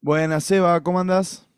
Buenas, Seba, ¿cómo andás?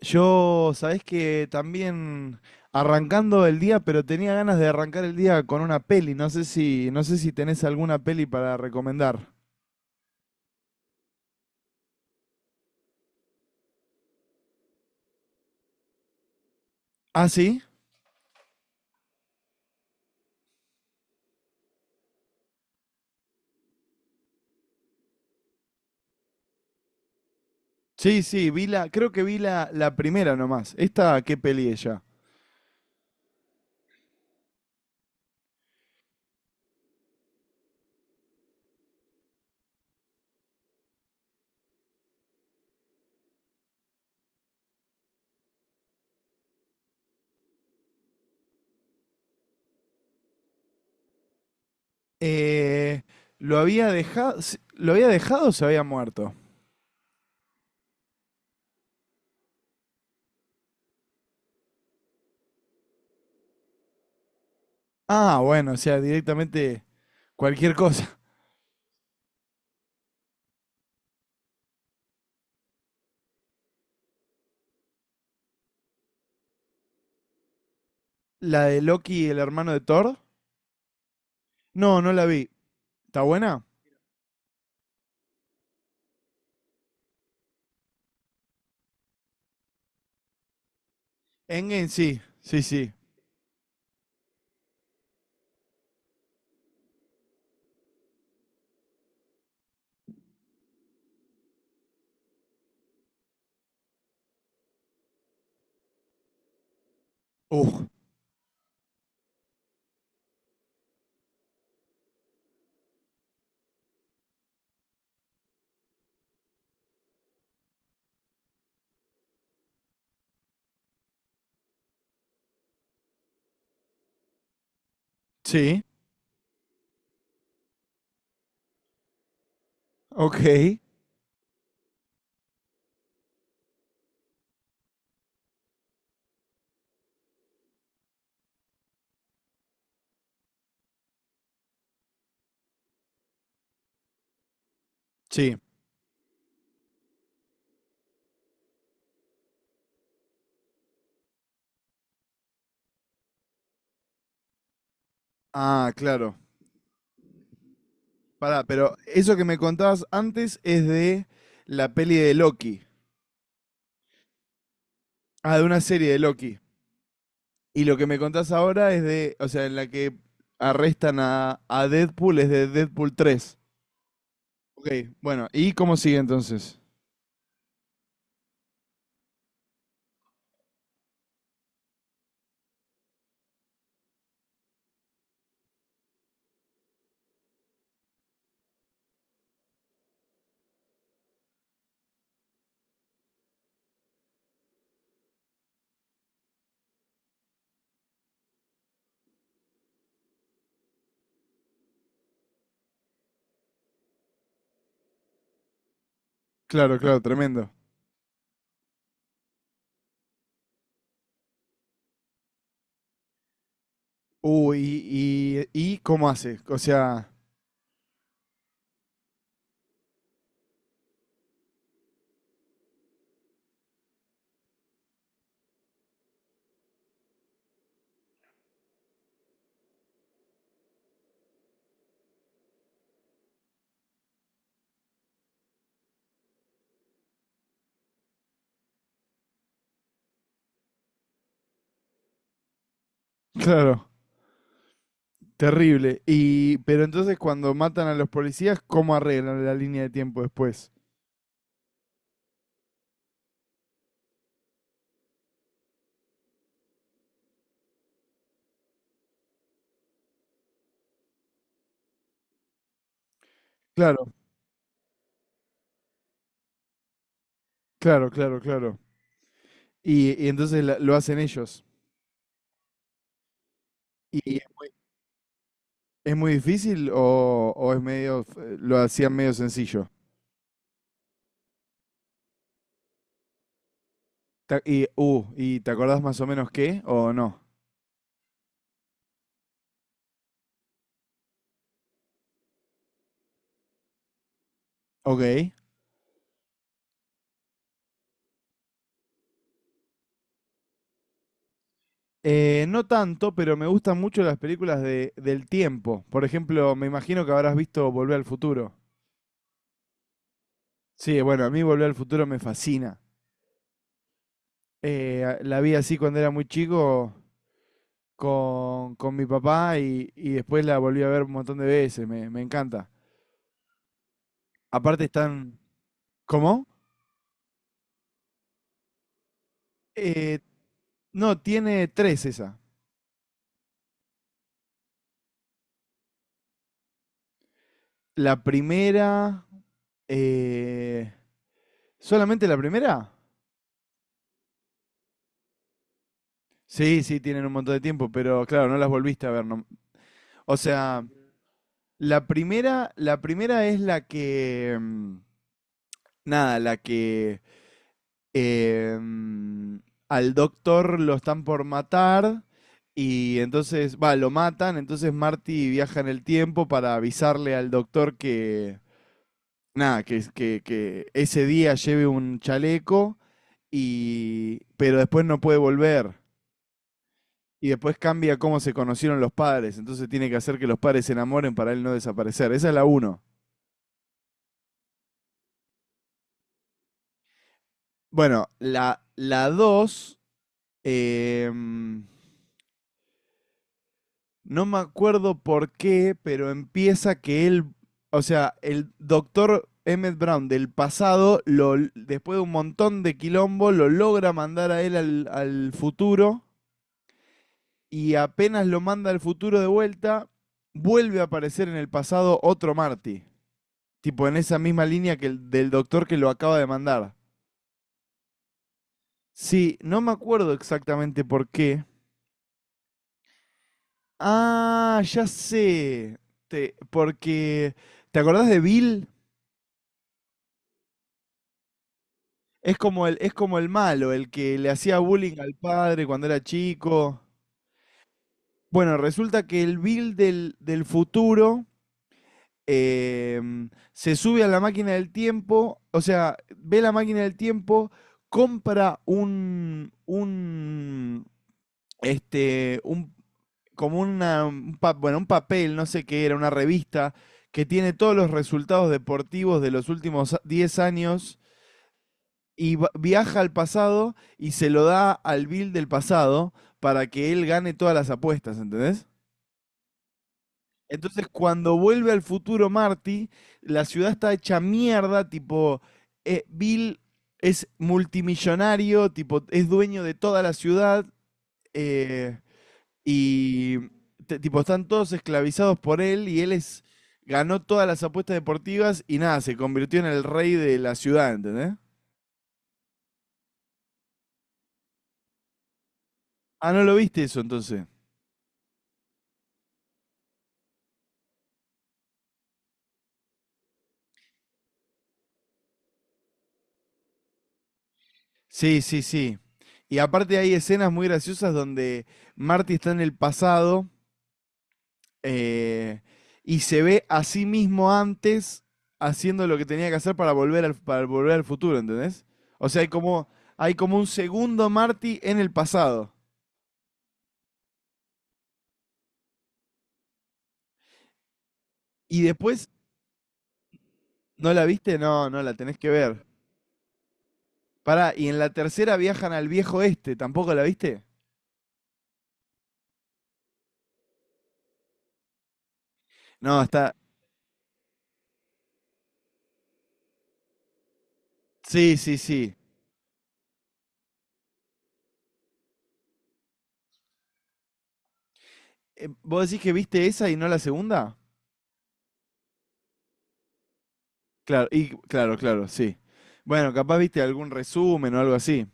Yo, sabés que también arrancando el día, pero tenía ganas de arrancar el día con una peli. No sé si tenés alguna peli para recomendar. ¿Ah, sí? Sí, sí, creo que vi la primera nomás. ¿Esta qué peli ella? Eh, ¿Lo había dejado, lo había dejado o se había muerto? Ah, bueno, o sea, directamente cualquier cosa. ¿La de Loki, el hermano de Thor? No, no la vi. ¿Está buena? Endgame sí, sí, sí. Uf. Sí. Ok. Sí. Ah, claro. Pará, pero eso que me contabas antes es de la peli de Loki. Ah, de una serie de Loki. Y lo que me contás ahora es de, o sea, en la que arrestan a Deadpool es de Deadpool 3. Ok, bueno, ¿y cómo sigue entonces? Claro, claro, tremendo. Uy, y ¿cómo hace? O sea, claro, terrible. Y, pero entonces cuando matan a los policías, ¿cómo arreglan la línea de tiempo después? Claro. Claro, claro, claro. Y, entonces lo hacen ellos. ¿Y es muy difícil o es medio, lo hacían medio sencillo? ¿Y te acordás más o menos qué o no? Ok. No tanto, pero me gustan mucho las películas de, del tiempo. Por ejemplo, me imagino que habrás visto Volver al Futuro. Sí, bueno, a mí Volver al Futuro me fascina. La vi así cuando era muy chico con mi papá y después la volví a ver un montón de veces. Me encanta. Aparte están... ¿Cómo? Eh, no, tiene tres esa. La primera... eh, ¿solamente la primera? Sí, sí, tienen un montón de tiempo, pero claro, no las volviste a ver. O sea, la primera es la que... nada, la que... eh, mm, al doctor lo están por matar y entonces, va, lo matan, entonces Marty viaja en el tiempo para avisarle al doctor que, nada, que ese día lleve un chaleco y. Pero después no puede volver. Y después cambia cómo se conocieron los padres. Entonces tiene que hacer que los padres se enamoren para él no desaparecer. Esa es la uno. Bueno, la dos. em, no me acuerdo por qué, pero empieza que él. O sea, el doctor Emmett Brown del pasado, lo, después de un montón de quilombo, lo logra mandar a él al, al futuro y apenas lo manda al futuro de vuelta, vuelve a aparecer en el pasado otro Marty. Tipo en esa misma línea que el del doctor que lo acaba de mandar. Sí, no me acuerdo exactamente por qué. Ah, ya sé. Porque. ¿Te acordás de Bill? Es como el malo, el que le hacía bullying al padre cuando era chico. Bueno, resulta que el Bill del, del futuro se sube a la máquina del tiempo, o sea, ve la máquina del tiempo, compra un, este, un, como una, bueno, un papel, no sé qué era, una revista que tiene todos los resultados deportivos de los últimos 10 años y viaja al pasado y se lo da al Bill del pasado para que él gane todas las apuestas, ¿entendés? Entonces, cuando vuelve al futuro Marty, la ciudad está hecha mierda, tipo, Bill es multimillonario, tipo, es dueño de toda la ciudad, eh, y tipo, están todos esclavizados por él, y él es, ganó todas las apuestas deportivas y nada, se convirtió en el rey de la ciudad, ¿entendés? Ah, ¿no lo viste eso entonces? Sí, sí, sí. Y aparte hay escenas muy graciosas donde Marty está en el pasado. Eh, y se ve a sí mismo antes haciendo lo que tenía que hacer para para volver al futuro, ¿entendés? O sea, hay como un segundo Marty en el pasado. Y después, ¿no la viste? No, no la tenés que ver. Pará, y en la tercera viajan al viejo este, ¿tampoco la viste? No, está. Sí, sí, sí. ¿Vos decís que viste esa y no la segunda? Claro, y claro, claro, sí. Bueno, capaz viste algún resumen o algo así.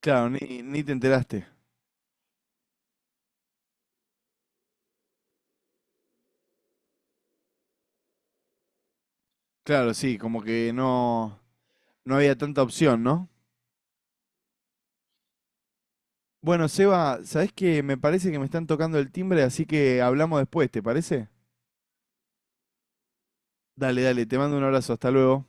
Claro, ni, ni te enteraste. Claro, sí, como que no, no había tanta opción, ¿no? Bueno, Seba, ¿sabés qué? Me parece que me están tocando el timbre, así que hablamos después, ¿te parece? Dale, dale, te mando un abrazo, hasta luego.